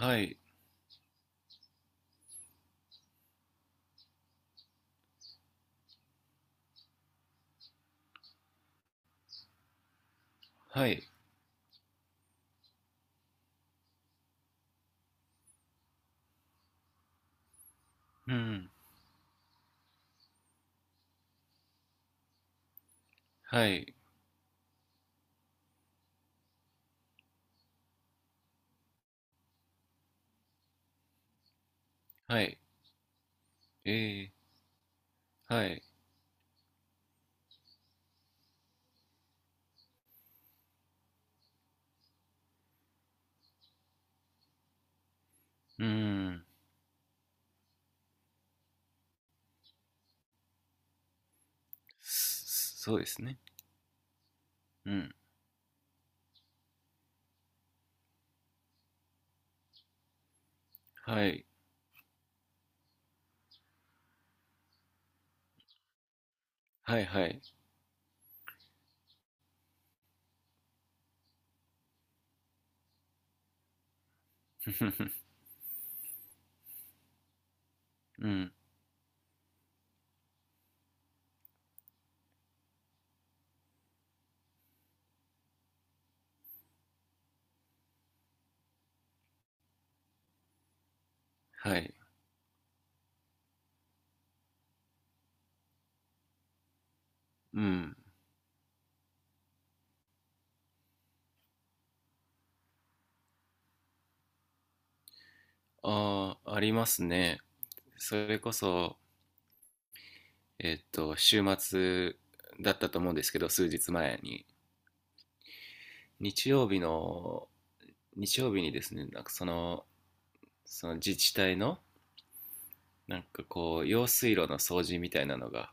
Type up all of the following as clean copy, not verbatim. はい、はい、うん、はい、はい、えー、はい、うん、そうですね。うん、はい、はい、はい、うん、はい、うん、ああ、ありますね。それこそ、週末だったと思うんですけど、数日前に。日曜日の、日曜日にですね、なんかその、自治体の、なんかこう、用水路の掃除みたいなのが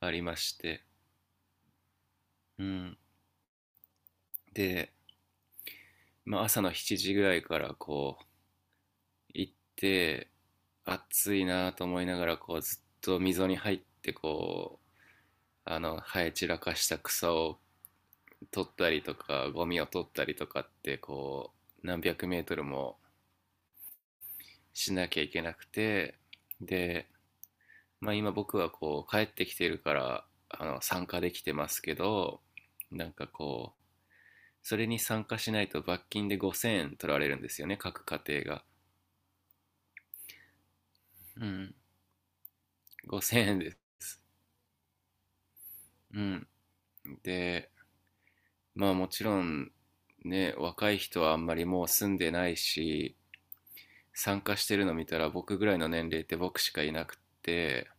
ありまして、うん。で、まあ、朝の7時ぐらいからこう行って、暑いなと思いながらこうずっと溝に入って、こうあの生え散らかした草を取ったりとか、ゴミを取ったりとかって、こう何百メートルもしなきゃいけなくて、で、まあ、今僕はこう帰ってきてるから、あの参加できてますけど、なんかこうそれに参加しないと罰金で5000円取られるんですよね、各家庭が。うん、5000円です。うん。で、まあもちろんね、若い人はあんまりもう住んでないし、参加してるの見たら僕ぐらいの年齢って僕しかいなくって、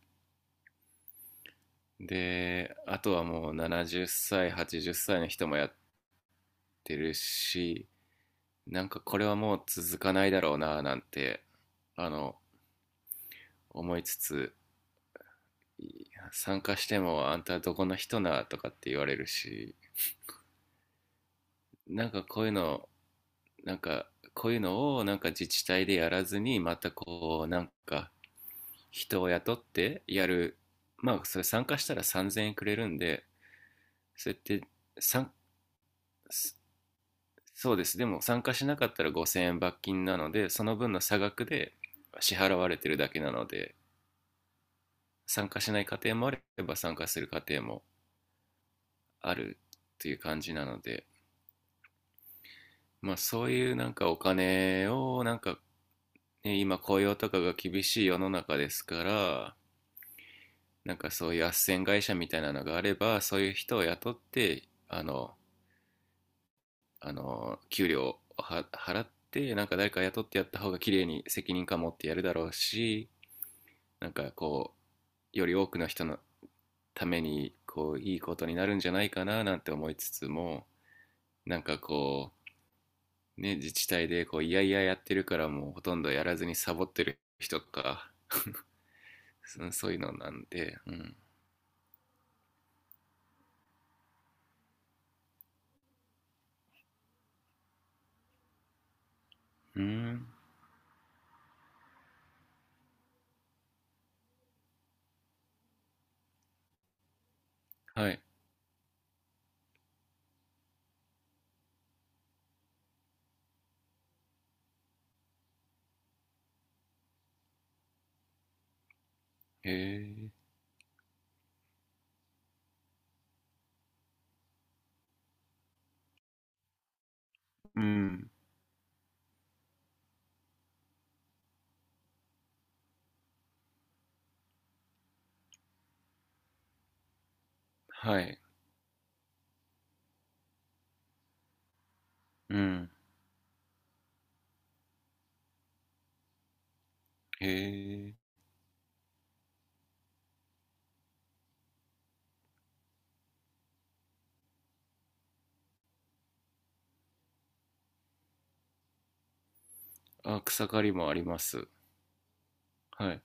で、あとはもう70歳、80歳の人もやってるし、なんかこれはもう続かないだろうななんて、あの、思いつつ、い参加してもあんたどこの人なとかって言われるし、なんかこういうのなんかこういうのをなんか自治体でやらずに、またこうなんか人を雇ってやる。まあそれ参加したら3000円くれるんで、それって、さんそうです。でも参加しなかったら5000円罰金なので、その分の差額で支払われてるだけなので、参加しない家庭もあれば参加する家庭もあるっていう感じなので、まあそういうなんかお金をなんか、ね、今雇用とかが厳しい世の中ですから、なんかそういう斡旋会社みたいなのがあれば、そういう人を雇って、あの給料は払って、なんか誰か雇ってやった方が綺麗に責任感持ってやるだろうし、なんかこうより多くの人のためにこういいことになるんじゃないかななんて思いつつも、なんかこうね、自治体でこういやいややってるから、もうほとんどやらずにサボってる人とか、そういうのなんで、うん。うん。はい。へえ。うん。はい。うん。へえ。あ、草刈りもあります。はい。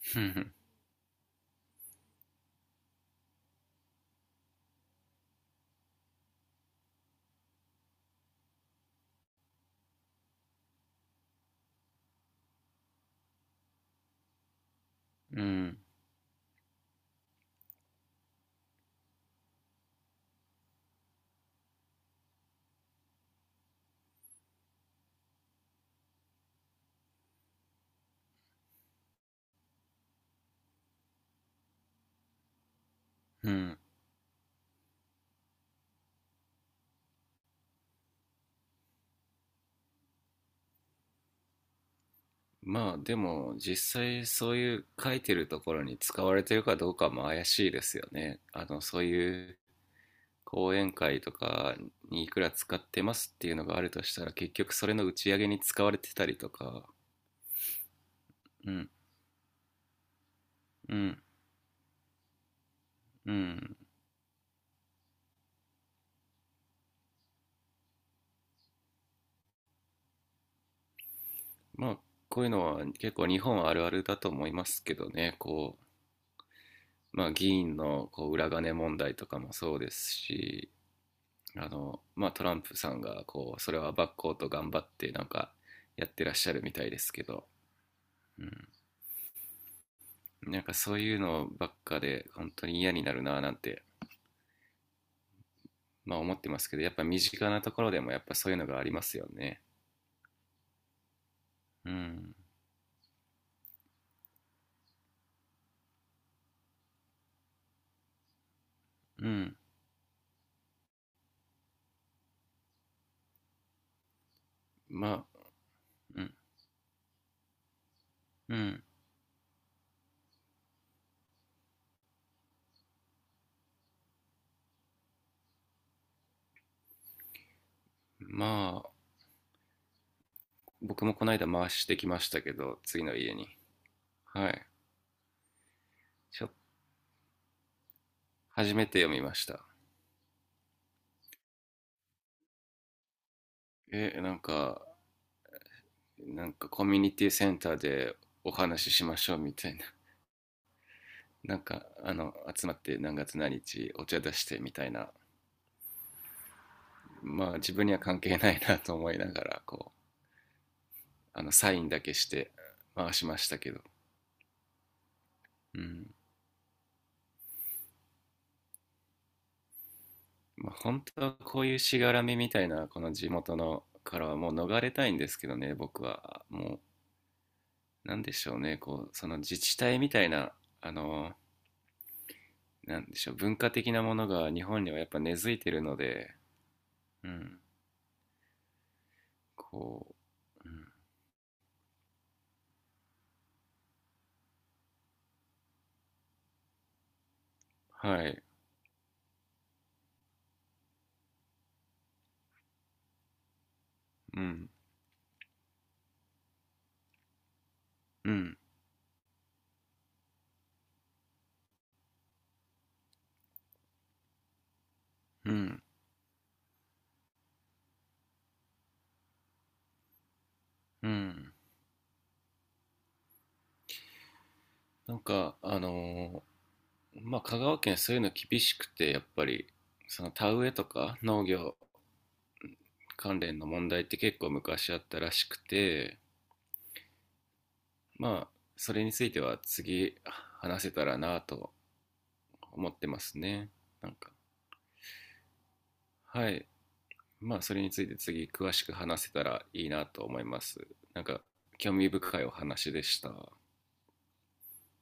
ふんふん。うん。うん。まあ、でも、実際そういう書いてるところに使われてるかどうかも怪しいですよね。あの、そういう講演会とかにいくら使ってますっていうのがあるとしたら、結局それの打ち上げに使われてたりとか。うん。うん。うん。まあ、こういうのは結構日本あるあるだと思いますけどね。こう、まあ、議員のこう裏金問題とかもそうですし、あの、まあ、トランプさんがこうそれはバッこうと頑張ってなんかやってらっしゃるみたいですけど、うん、なんかそういうのばっかで本当に嫌になるななんて、まあ、思ってますけど、やっぱ身近なところでもやっぱそういうのがありますよね。うん、うん、まあ、うん、うん、まあ僕もこの間回してきましたけど、次の家に。はい、ちょ初めて読みました。えなんかなんかコミュニティセンターでお話ししましょうみたいな、なんかあの集まって何月何日お茶出してみたいな、まあ自分には関係ないなと思いながら、こうあのサインだけして回しましたけど、うん。まあ、本当はこういうしがらみみたいな、この地元のからはもう逃れたいんですけどね、僕はも、うなんでしょうね、こうその自治体みたいな、あのなんでしょう文化的なものが日本にはやっぱ根付いてるので、うん、こう、うん、はい、うん、うん、うん、うん、なんか、まあ、香川県そういうの厳しくて、やっぱり、その田植えとか農業関連の問題って結構昔あったらしくて、まあ、それについては次話せたらなと思ってますね。なんか、はい。まあ、それについて次詳しく話せたらいいなと思います。なんか、興味深いお話でした。